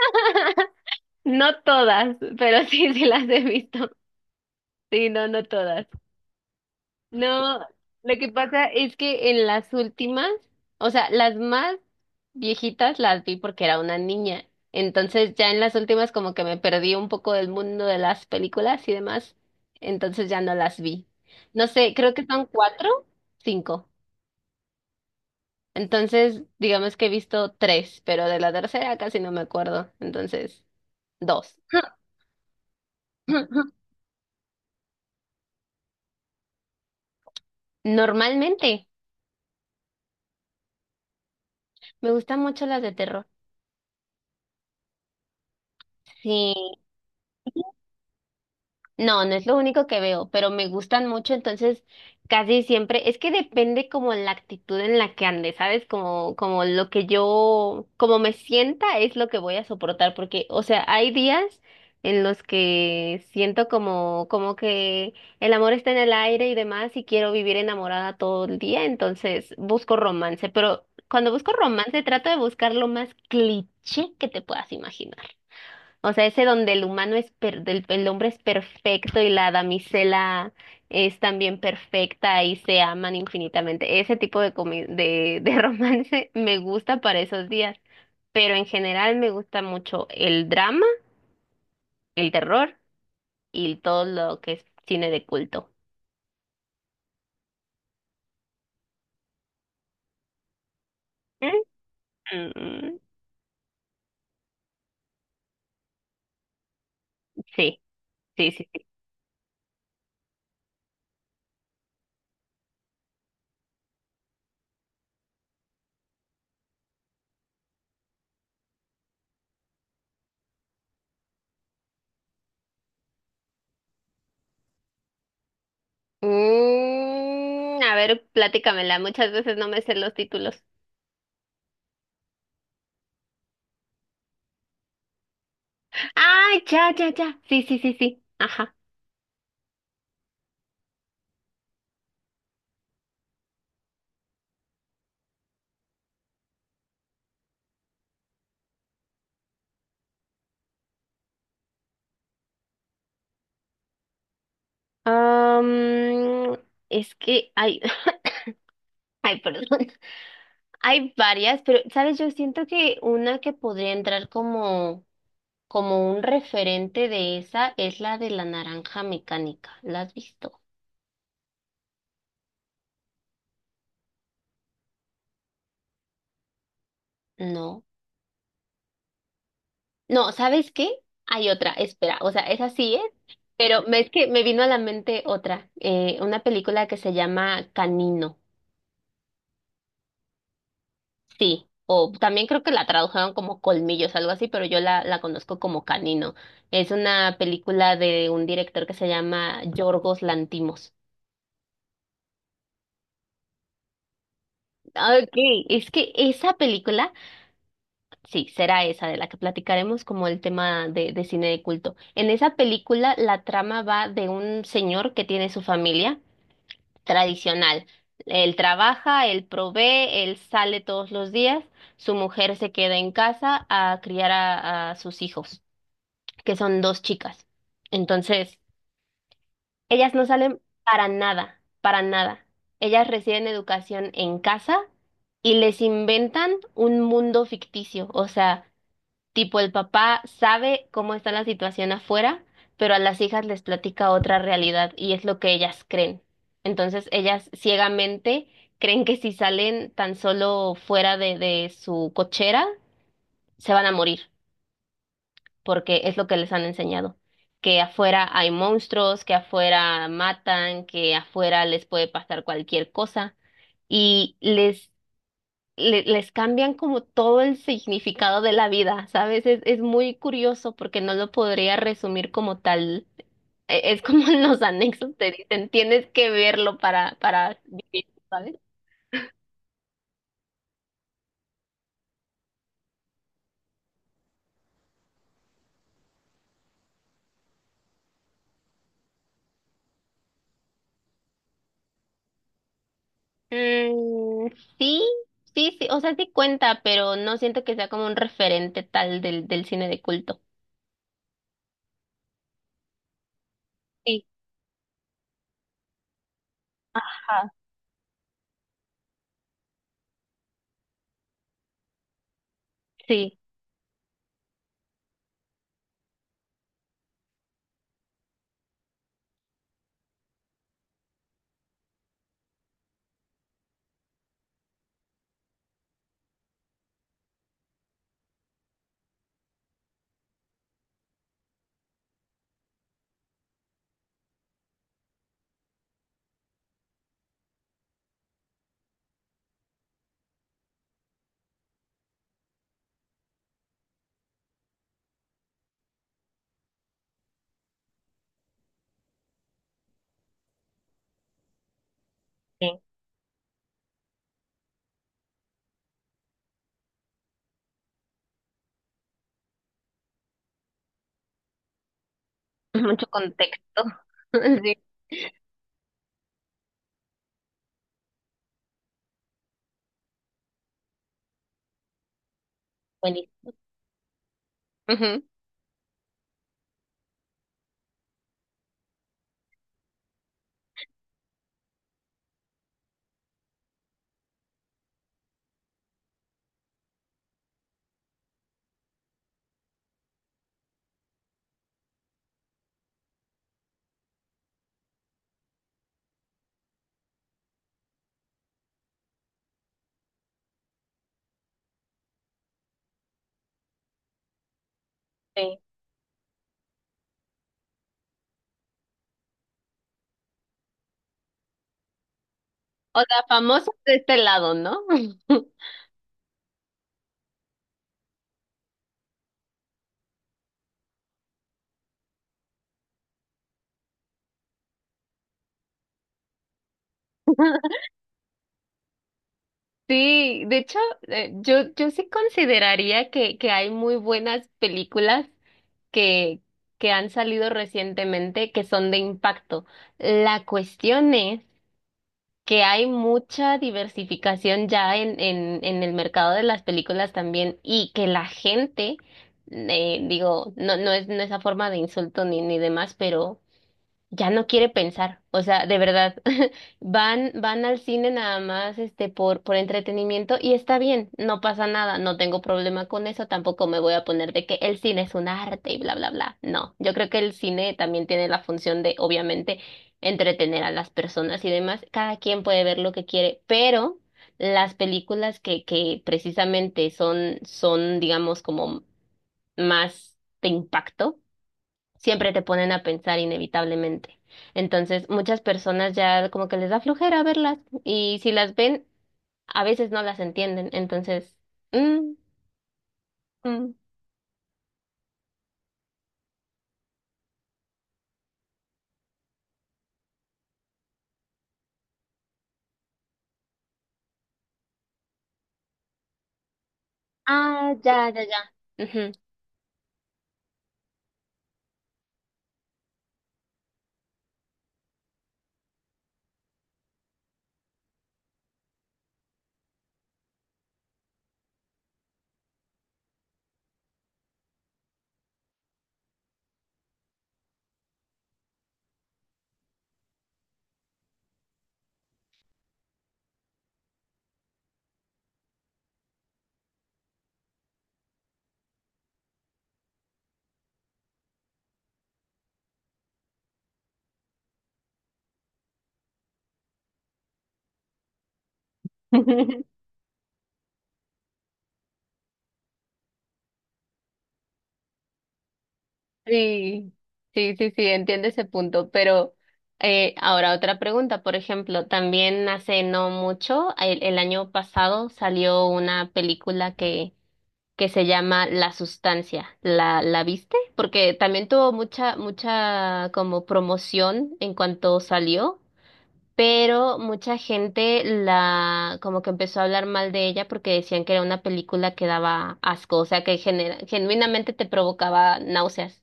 No todas, pero sí, sí las he visto. Sí, no, no todas. No, lo que pasa es que en las últimas, o sea, las más viejitas las vi porque era una niña. Entonces ya en las últimas como que me perdí un poco del mundo de las películas y demás. Entonces ya no las vi. No sé, creo que son cuatro, cinco. Entonces, digamos que he visto tres, pero de la tercera casi no me acuerdo. Entonces, dos. Normalmente. Me gustan mucho las de terror. Sí, no, no es lo único que veo, pero me gustan mucho, entonces casi siempre, es que depende como la actitud en la que ande, ¿sabes? Como lo que yo, como me sienta es lo que voy a soportar, porque, o sea, hay días en los que siento como que el amor está en el aire y demás, y quiero vivir enamorada todo el día, entonces busco romance, pero cuando busco romance trato de buscar lo más cliché que te puedas imaginar. O sea, ese donde el hombre es perfecto y la damisela es también perfecta y se aman infinitamente. Ese tipo de romance me gusta para esos días, pero en general me gusta mucho el drama, el terror y todo lo que es cine de culto. Mm, sí, sí, sí, sí. Mm, a ver, platícamela. Muchas veces no me sé los títulos. Ah, ya, ya, ya. Sí, sí, sí, sí. Ajá. Am, es que hay, ay, perdón, hay varias, pero, ¿sabes? Yo siento que una que podría entrar como un referente de esa es la de la naranja mecánica. ¿La has visto? No. No, ¿sabes qué? Hay otra, espera, o sea, esa sí es, pero es que me vino a la mente otra, una película que se llama Canino. Sí, o también creo que la tradujeron como Colmillos, algo así, pero yo la conozco como Canino. Es una película de un director que se llama Yorgos Lantimos. Okay, es que esa película, sí, será esa de la que platicaremos como el tema de cine de culto. En esa película la trama va de un señor que tiene su familia tradicional. Él trabaja, él provee, él sale todos los días, su mujer se queda en casa a criar a sus hijos. Que son dos chicas. Entonces, ellas no salen para nada, para nada. Ellas reciben educación en casa y les inventan un mundo ficticio. O sea, tipo el papá sabe cómo está la situación afuera, pero a las hijas les platica otra realidad y es lo que ellas creen. Entonces, ellas ciegamente creen que si salen tan solo fuera de su cochera, se van a morir. Porque es lo que les han enseñado, que afuera hay monstruos, que afuera matan, que afuera les puede pasar cualquier cosa y les cambian como todo el significado de la vida, ¿sabes? Es muy curioso porque no lo podría resumir como tal. Es como en los anexos te dicen, tienes que verlo para vivir, ¿sabes? Mm, sí, sí, sí, o sea, sí cuenta, pero no siento que sea como un referente tal del cine de culto. Sí. Ajá, sí, sí. Mucho contexto. Sí, buenísimo. Ujú, sí. O sea, famosos de este lado, ¿no? Sí, de hecho, yo sí consideraría que hay muy buenas películas que, que han salido recientemente que son de impacto. La cuestión es que hay mucha diversificación ya en el mercado de las películas también y que la gente, digo, no, no es a forma de insulto ni demás, pero ya no quiere pensar, o sea, de verdad, van al cine nada más, este, por entretenimiento y está bien, no pasa nada, no tengo problema con eso, tampoco me voy a poner de que el cine es un arte y bla, bla, bla. No, yo creo que el cine también tiene la función de, obviamente, entretener a las personas y demás, cada quien puede ver lo que quiere, pero las películas que precisamente son, digamos, como más de impacto siempre te ponen a pensar inevitablemente. Entonces, muchas personas ya como que les da flojera verlas y si las ven, a veces no las entienden. Entonces, mm, mm. Ah, ya, ya, ya. Ujú. Sí, sí, sí, sí, entiendo ese punto, pero ahora otra pregunta, por ejemplo, también hace no mucho, el año pasado salió una película que se llama La Sustancia. ¿La viste? Porque también tuvo mucha como promoción en cuanto salió, pero mucha gente la como que empezó a hablar mal de ella porque decían que era una película que daba asco, o sea que genuinamente te provocaba náuseas.